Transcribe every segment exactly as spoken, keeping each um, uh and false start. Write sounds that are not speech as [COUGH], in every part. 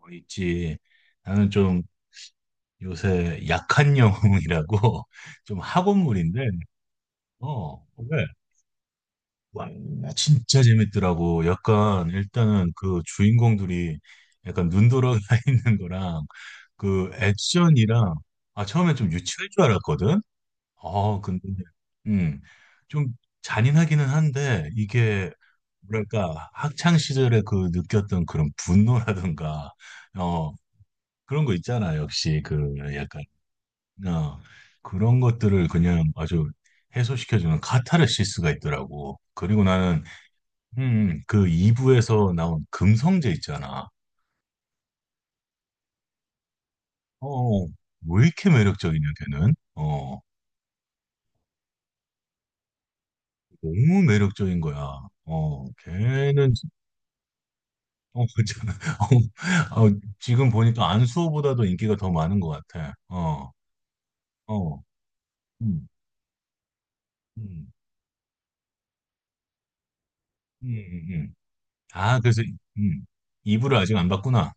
어, 있지. 나는 좀 요새 약한 영웅이라고 [LAUGHS] 좀 학원물인데, 어, 왜? 와, 진짜 재밌더라고. 약간, 일단은 그 주인공들이 약간 눈 돌아가 [LAUGHS] 있는 거랑 그 액션이랑, 아, 처음에 좀 유치할 줄 알았거든? 어, 근데, 음, 좀 잔인하기는 한데, 이게, 뭐랄까, 학창 시절에 그 느꼈던 그런 분노라든가, 어, 그런 거 있잖아. 역시 그 약간 어, 그런 것들을 그냥 아주 해소시켜주는 카타르시스가 있더라고. 그리고 나는 음, 음, 그 이 부에서 나온 금성재 있잖아. 어, 어. 왜 이렇게 매력적이냐 걔는? 어, 너무 매력적인 거야. 어, 걔는 진- 어, [LAUGHS] 참, 어, 어, 지금 보니까 안수호보다도 인기가 더 많은 것 같아. 어, 어, 음, 음, 음, 음. 음. 아, 그래서 음, 이 부를 아직 안 봤구나.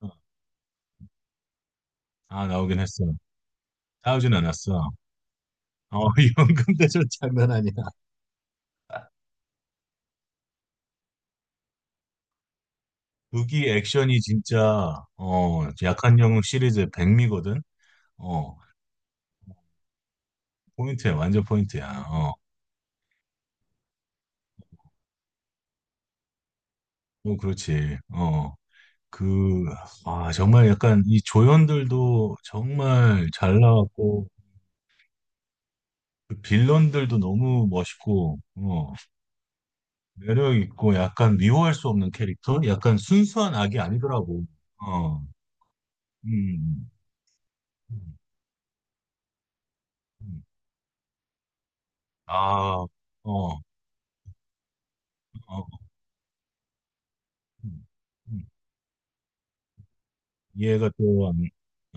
어. 아, 나오긴 했어. 나오진 않았어. 어, [LAUGHS] 연금대전 장난 아니야. 무기 액션이 진짜, 어, 약한 영웅 시리즈의 백미거든? 어, 포인트야, 완전 포인트야. 어, 어, 그렇지. 어, 그, 아, 정말 약간 이 조연들도 정말 잘 나왔고, 그 빌런들도 너무 멋있고, 어, 매력 있고, 약간 미워할 수 없는 캐릭터? 약간 순수한 악이 아니더라고. 어, 음, 음, 음. 아, 어. 어, 음, 이해가 또 안,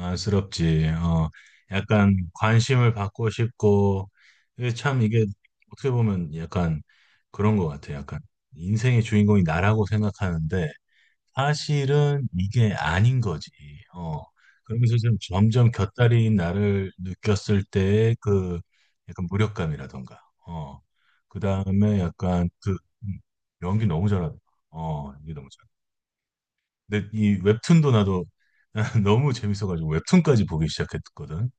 안쓰럽지. 어, 약간 관심을 받고 싶고, 이게 참 이게 어떻게 보면 약간 그런 것 같아. 약간 인생의 주인공이 나라고 생각하는데 사실은 이게 아닌 거지. 어, 그러면서 좀 점점 곁다리인 나를 느꼈을 때의 그 약간 무력감이라던가, 어, 그 다음에 약간 그 음, 연기 너무 잘하다. 어, 연기 너무 잘다 근데 이 웹툰도 나도 [LAUGHS] 너무 재밌어가지고 웹툰까지 보기 시작했거든.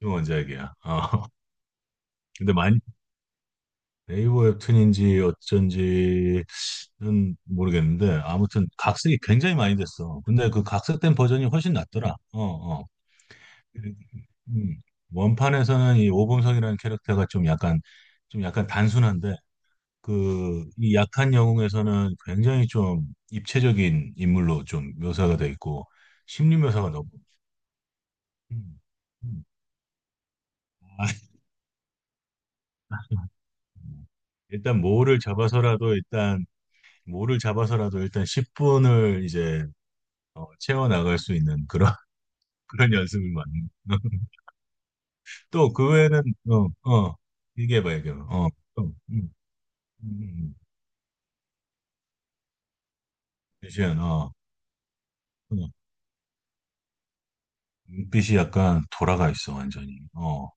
이 원작이야. 어. 근데 많이 네이버 웹툰인지 어쩐지는 모르겠는데 아무튼 각색이 굉장히 많이 됐어. 근데 그 각색된 버전이 훨씬 낫더라. 어, 어. 음. 원판에서는 이 오범석이라는 캐릭터가 좀 약간 좀 약간 단순한데 그 이 약한 영웅에서는 굉장히 좀 입체적인 인물로 좀 묘사가 돼 있고 심리 묘사가 너무 음. 음. [LAUGHS] 아, 일단 모를 잡아서라도 일단 모를 잡아서라도 일단 십 분을 이제 어, 채워 나갈 수 있는 그런 [LAUGHS] 그런 연습을 많이. [LAUGHS] 또 그 외에는 어, 어, 이게 봐 이게 봐. 어, 또, 음, 음, 음. 미 어, 어, 눈빛이 약간 돌아가 있어 완전히. 어,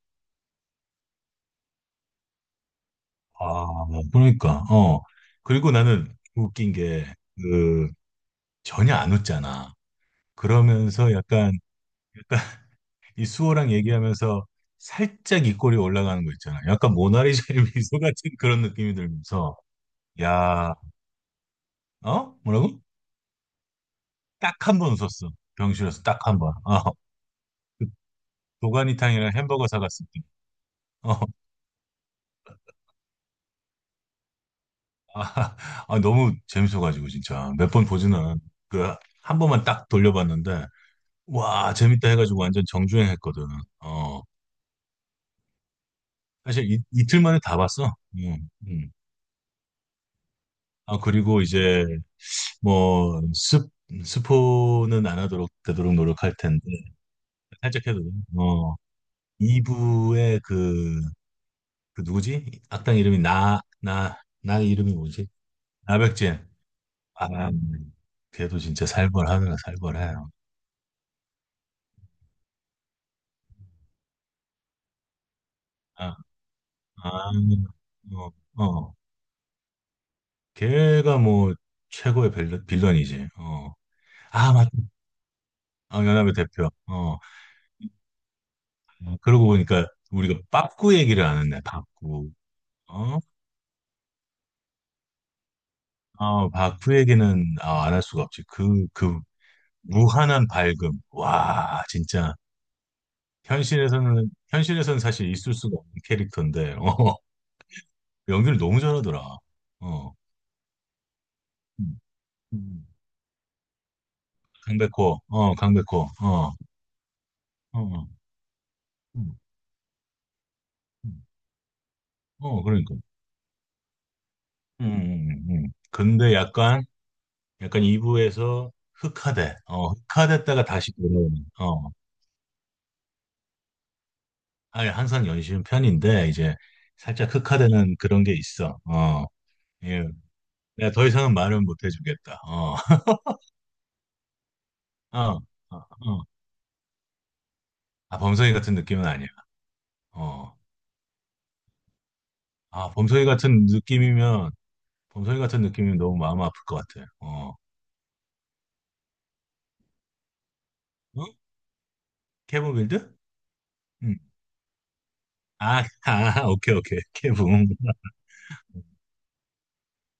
아, 그러니까, 어, 그리고 나는 웃긴 게 그 전혀 안 웃잖아. 그러면서 약간 약간 이 수호랑 얘기하면서 살짝 입꼬리 올라가는 거 있잖아. 약간 모나리자의 [LAUGHS] 미소 같은 그런 느낌이 들면서, 야, 어? 뭐라고? 딱 한 번 웃었어. 병실에서 딱 한 번. 어, 그 도가니탕이랑 햄버거 사갔을 때. 어, 아, 아, 너무 재밌어가지고, 진짜. 몇 번 보지는, 그, 한 번만 딱 돌려봤는데, 와, 재밌다 해가지고 완전 정주행 했거든. 어, 사실 이, 이틀 만에 다 봤어. 응, 응. 아, 그리고 이제 뭐 스, 스포는 안 하도록 되도록 노력할 텐데 살짝 해도 돼요. 어 이 부의 그, 그 누구지? 악당 이름이 나 나 나 이름이 뭐지? 나백진. 아, 걔도 진짜 살벌하느라 살벌해요. 아, 아, 어, 어. 걔가 뭐 최고의 빌런, 빌런이지. 어. 아, 맞다. 아, 연합의 대표. 어. 어, 그러고 보니까 우리가 빠꾸 얘기를 안 했네. 빠꾸. 어? 어, 바크 얘기는 안 할 수가 없지. 그, 그 무한한 밝음. 와, 진짜. 현실에서는, 현실에서는 사실 있을 수가 없는 캐릭터인데, 어, 연기를 너무 잘하더라. 어, 음, 음. 강백호, 어, 강백호, 어, 어, 어, 음, 음. 어, 그러니까. 음, 음, 음. 음. 근데 약간, 약간 이 부에서 흑화돼. 어, 흑화됐다가 다시 돌아오는, 어, 아예 항상 연신 편인데, 이제 살짝 흑화되는 그런 게 있어. 어. 예, 내가 더 이상은 말은 못 해주겠다. 어, [LAUGHS] 어, 어, 어. 아, 범성이 같은 느낌은 아니야. 어, 아, 범성이 같은 느낌이면, 범성이 같은 느낌이면 너무 마음 아플 것 같아. 어, 어? 케본 빌드? 음. 아, [LAUGHS] 아, 오케이, 오케이. 케본. 음,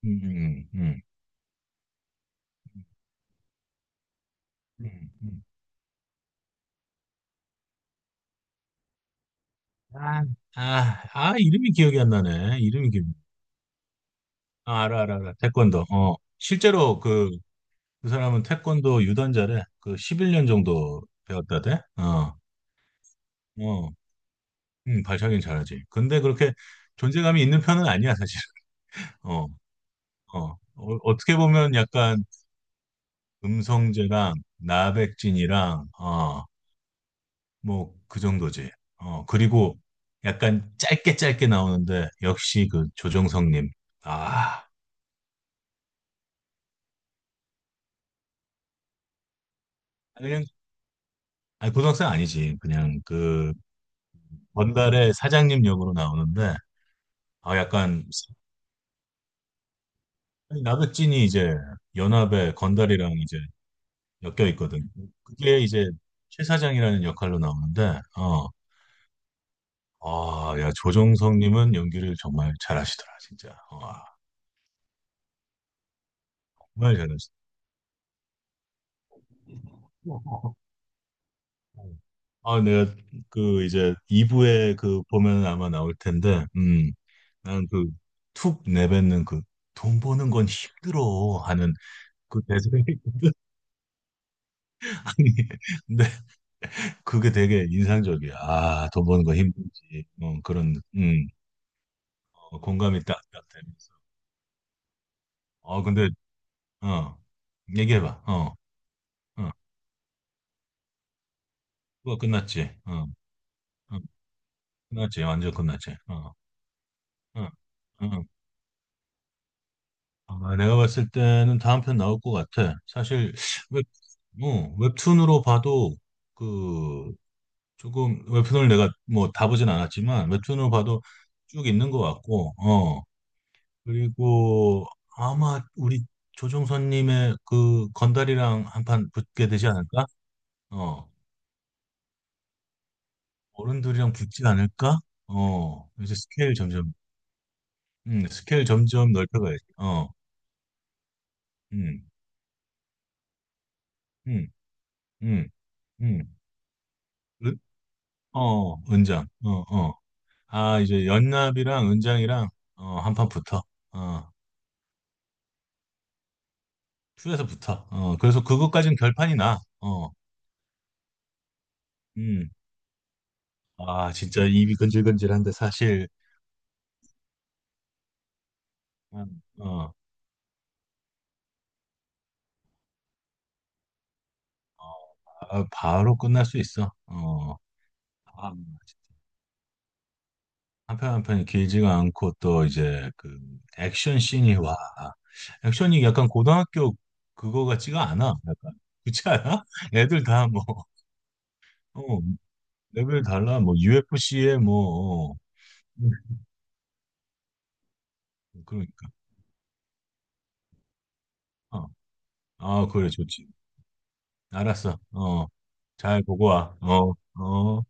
음, 음, 음. 음, 음. 아, 아, 아, 이름이 기억이 안 나네. 이름이 기억. 아, 알아, 알아, 알아. 태권도. 어, 실제로 그, 그 사람은 태권도 유단자래. 그 십일 년 정도 배웠다대. 어, 어. 응, 발차기는 잘하지. 근데 그렇게 존재감이 있는 편은 아니야, 사실. 어, 어. 어, 떻게 보면 약간 음성재랑 나백진이랑, 어, 뭐, 그 정도지. 어, 그리고 약간 짧게 짧게 나오는데, 역시 그 조정석님. 아, 그냥, 아니, 고등학생 아니지. 그냥 그, 건달의 사장님 역으로 나오는데, 아, 약간, 아니, 나백진이 이제 연합의 건달이랑 이제 엮여 있거든. 그게 이제 최 사장이라는 역할로 나오는데, 어, 아, 야, 조정석님은 연기를 정말 잘하시더라, 진짜. 와, 정말 잘하시더라. 어, 어. 아, 내가 그 이제 이 부에 그 보면 아마 나올 텐데, 음, 난 그 툭 내뱉는 그 돈 버는 건 힘들어 하는 그 대사가 있거든. [LAUGHS] 아니, 근데 그게 되게 인상적이야. 아, 돈 버는 거 힘들지. 어, 그런, 음, 어, 공감이 딱딱 되면서. 아, 근데 어, 얘기해봐. 어, 어, 그거 끝났지. 어, 어, 끝났지. 완전 끝났지. 어, 어, 어. 아, 내가 봤을 때는 다음 편 나올 것 같아. 사실 웹, 어, 웹툰으로 봐도 그 조금 웹툰을 내가 뭐 다 보진 않았지만 웹툰으로 봐도 쭉 있는 것 같고, 어, 그리고 아마 우리 조종선님의 그 건달이랑 한 판 붙게 되지 않을까? 어. 어른들이랑 붙진 않을까? 어, 이제 스케일 점점, 음, 스케일 점점 넓혀가야지. 어, 음, 음, 음, 음, 으- 어, 은장, 어, 어. 아, 이제 연납이랑 은장이랑, 어, 한판 붙어. 어, 투에서 붙어. 어, 그래서 그것까진 결판이 나. 어, 음. 아, 진짜 입이 건질건질한데 사실, 음, 어, 아, 바로 끝날 수 있어. 어, 아, 한편 한 편이 길지가 않고 또 이제 그 액션 씬이 와 액션이 약간 고등학교 그거 같지가 않아 약간 그렇지 않아? [LAUGHS] 애들 다 뭐 어, 레벨 달라 뭐 유에프씨에 뭐 어, 뭐 그러니까 어, 아 그래 좋지 알았어 어 잘 보고 와 어 어.